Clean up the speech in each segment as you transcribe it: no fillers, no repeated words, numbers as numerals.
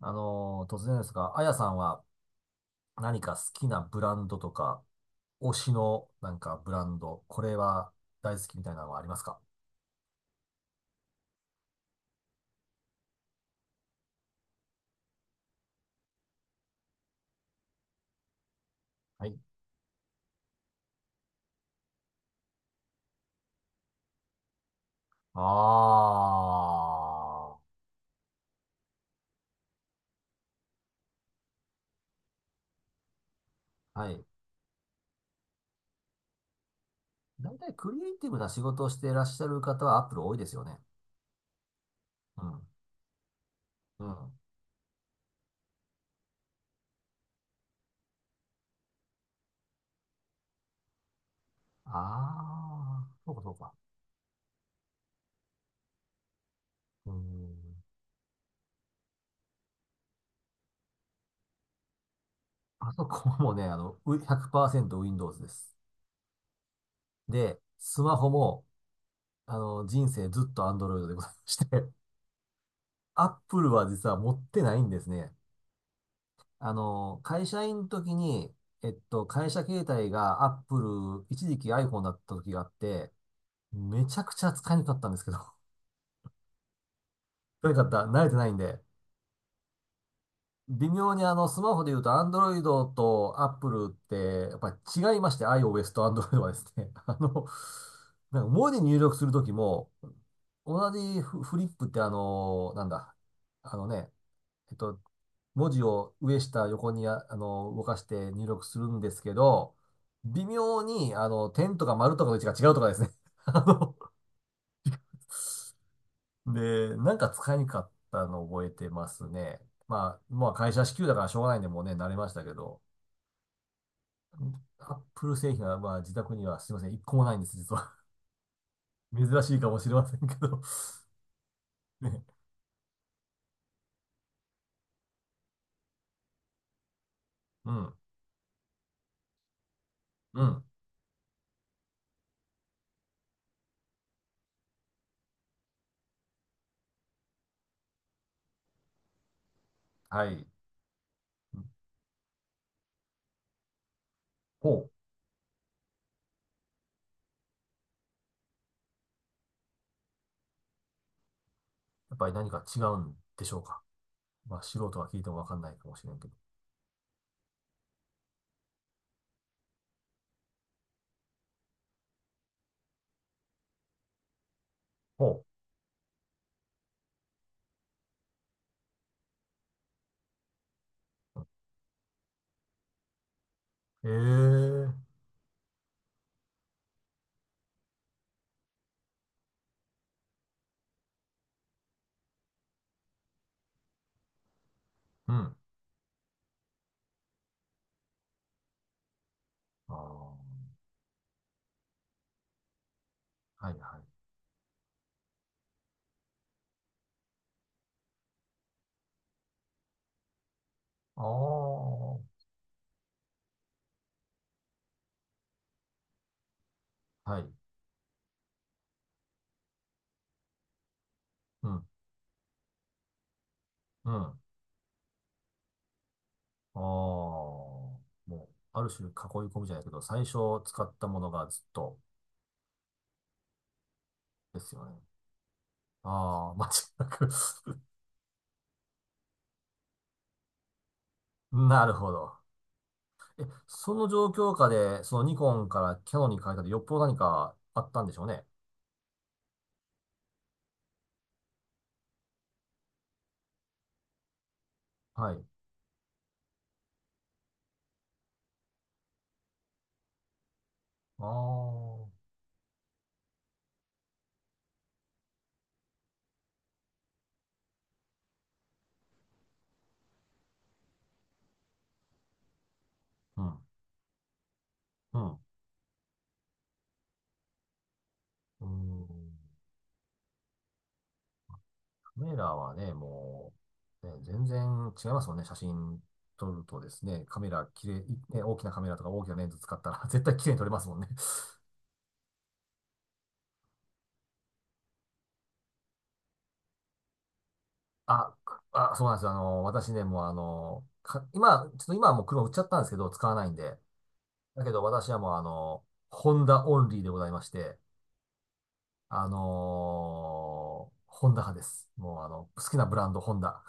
突然ですが、あやさんは何か好きなブランドとか、推しのブランド、これは大好きみたいなのはありますか？はい。ああ、はい。大体クリエイティブな仕事をしていらっしゃる方はアップル多いですよね。うん。うん。ああ、そうかそうか。うーん。パソコンもね、う 100%Windows です。で、スマホも、人生ずっと Android でございまして。アップルは実は持ってないんですね。会社員の時に、会社携帯がアップル、一時期 iPhone だった時があって、めちゃくちゃ使いにくかったんですけど、とにくかった慣れてないんで、微妙にスマホで言うと Android と Apple って、やっぱり違いまして、iOS と Android はですね、なんか文字入力する時も、同じフフリップってなんだ、あのね、えっと、文字を上下横にあ、動かして入力するんですけど、微妙に、点とか丸とかの位置が違うとかですね。あので、なんか使いにくかったのを覚えてますね。まあ会社支給だからしょうがないんで、もうね、慣れましたけど。アップル製品は、まあ自宅にはすいません、一個もないんです、実は。珍しいかもしれませんけど。ね。うん、うん、はい。ほう。やっぱり何か違うんでしょうか。まあ素人は聞いてもわかんないかもしれんけど。ほう。ええ、うん。ああ、はいはい。ああ、はい。うん、うん。ああ、もう、ある種囲い込みじゃないけど、最初使ったものがずっとですよね。ああ、間違いなく なるほど。その状況下で、そのニコンからキャノンに変えたで、よっぽど何かあったんでしょうね。はい。ああ、うん、うん。うーん、カメラはね、もう、ね、全然違いますもんね。写真撮るとですね、カメラ綺麗、いね、大きなカメラとか大きなレンズ使ったら 絶対綺麗に撮れますもんね。あ、あ、そうなんですよ。私ね、もうあの、か、今、ちょっと今はもう車売っちゃったんですけど、使わないんで。だけど私はもうあの、ホンダオンリーでございまして、ホンダ派です。もうあの、好きなブランド、ホンダ。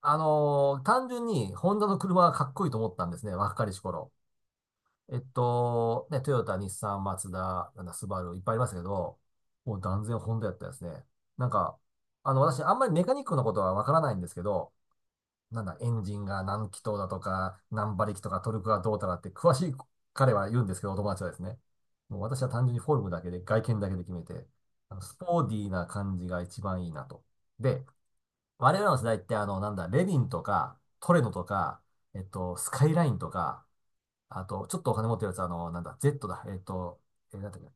単純にホンダの車がかっこいいと思ったんですね、若かりし頃。ね、トヨタ、日産、マツダ、なんだ、スバル、いっぱいありますけど、もう断然ホンダやったですね。なんか、私、あんまりメカニックのことはわからないんですけど、なんだ、エンジンが何気筒だとか、何馬力とか、トルクがどうたらって、詳しい彼は言うんですけど、お友達はですね。もう私は単純にフォルムだけで、外見だけで決めて、あのスポーディーな感じが一番いいなと。で、我々の世代って、なんだ、レヴィンとか、トレノとか、スカイラインとか、あと、ちょっとお金持ってるやつ、なんだ、Z だ。なんだっけ、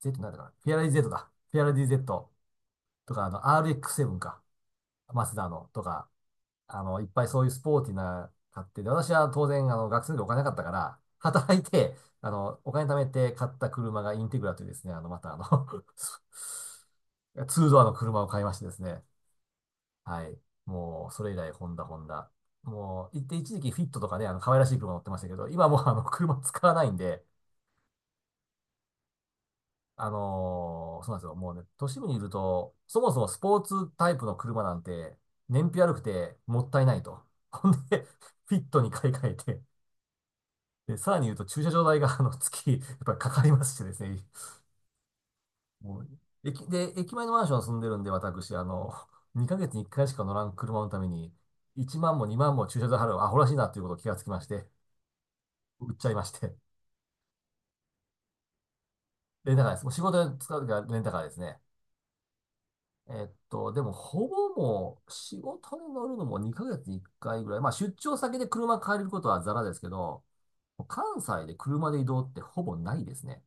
Z なんだかな。フェアラディ Z だ。フェアラディ Z とか、RX7 か。マセダのとか、いっぱいそういうスポーティーな買ってで、私は当然、学生の時お金なかったから、働いて、お金貯めて買った車がインテグラというですね、あの、またあの ツードアの車を買いましてですね。はい。もう、それ以来、ホンダ、ホンダ。もう、一時期フィットとかね、可愛らしい車乗ってましたけど、今もうあの、車使わないんで、そうなんですよ。もうね、都市部にいると、そもそもスポーツタイプの車なんて、燃費悪くてもったいないと。ほんで、フィットに買い替えて、で、さらに言うと駐車場代が、月、やっぱりかかりましてですね。もう、駅、で、駅前のマンション住んでるんで、私、2ヶ月に1回しか乗らん車のために、1万も2万も駐車場払う、アホらしいなということを気がつきまして、売っちゃいまして。レンタカーです。もう仕事で使うときはレンタカーですね。でも、ほぼもう、仕事に乗るのも2ヶ月に1回ぐらい。まあ、出張先で車借りることはザラですけど、関西で車で移動ってほぼないですね。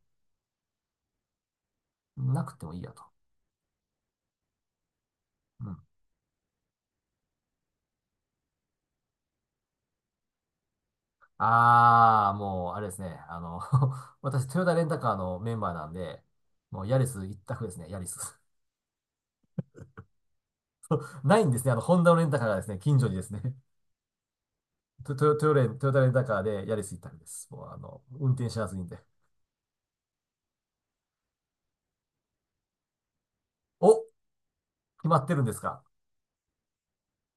なくてもいいやと。うん。ああ、もう、あれですね。私、トヨタレンタカーのメンバーなんで、もう、ヤリス一択ですね、ヤリス。ないんですね。ホンダのレンタカーがですね、近所にですね、ト、トヨ、トヨレン、トヨタレンタカーでヤリス一択です。もう、運転しやすいんで。お、決まってるんですか？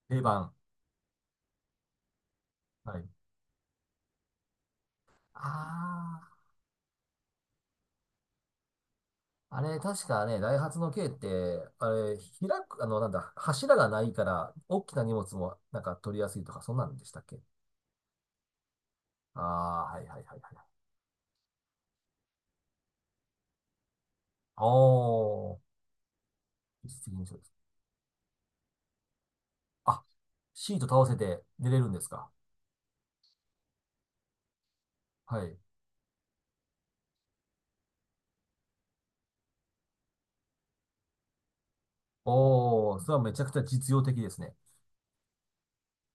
定番。はい。ああ、あれ、確かね、ダイハツの軽って、あれ、開く、なんだ、柱がないから、大きな荷物も、なんか取りやすいとか、そんなんでしたっけ？ああー、はいはいはいはい。おー、一石二鳥です。あ、シート倒せて寝れるんですか？はい。おー、それはめちゃくちゃ実用的ですね。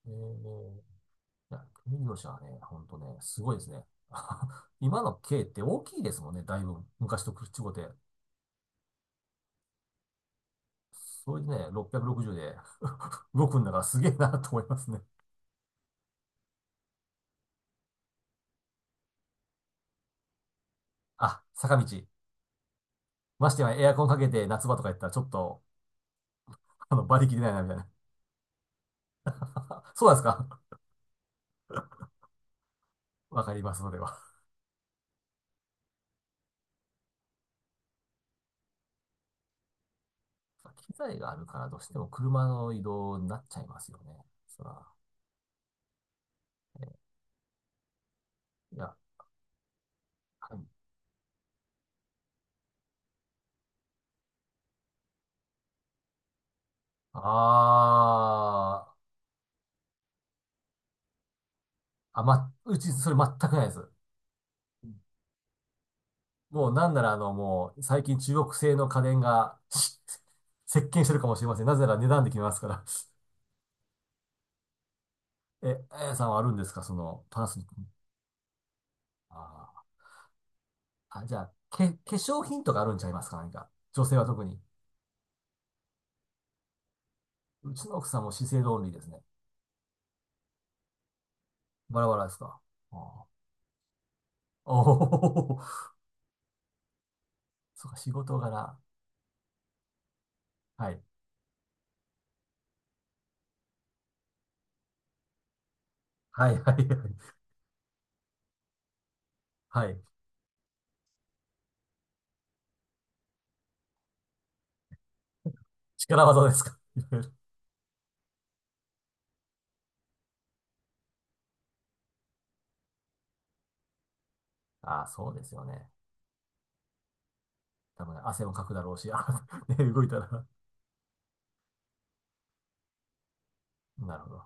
えー、いや、軽自動車はね、ほんとね、すごいですね。今の軽って大きいですもんね、だいぶ。昔と口ごて。それでね、660で 動くんだからすげえなと思いますね。あ、坂道。ましてやエアコンかけて夏場とかやったらちょっと、馬力出ないなみたいな。そうなんですか？わかります、それは。機材があるからどうしても車の移動になっちゃいますよね。そら。え、いや、はい。あー、あ、ま、うちそれ全くないです。もうなんならあの、もう最近中国製の家電が 席巻してるかもしれません。なぜなら値段で決めますから。え、あやさんはあるんですか、その、パナソニック。あー、あ、じゃあ、け、化粧品とかあるんちゃいますか何か。女性は特に。うちの奥さんも資生堂オンリーですね。バラバラですか？あー、おおー、そうか、仕事柄。はい。はい、はい、はい。はい。力技ですかいろいろ。ああー、そうですよね。多分、ね汗もかくだろうし、あーね、動いたら。なるほど。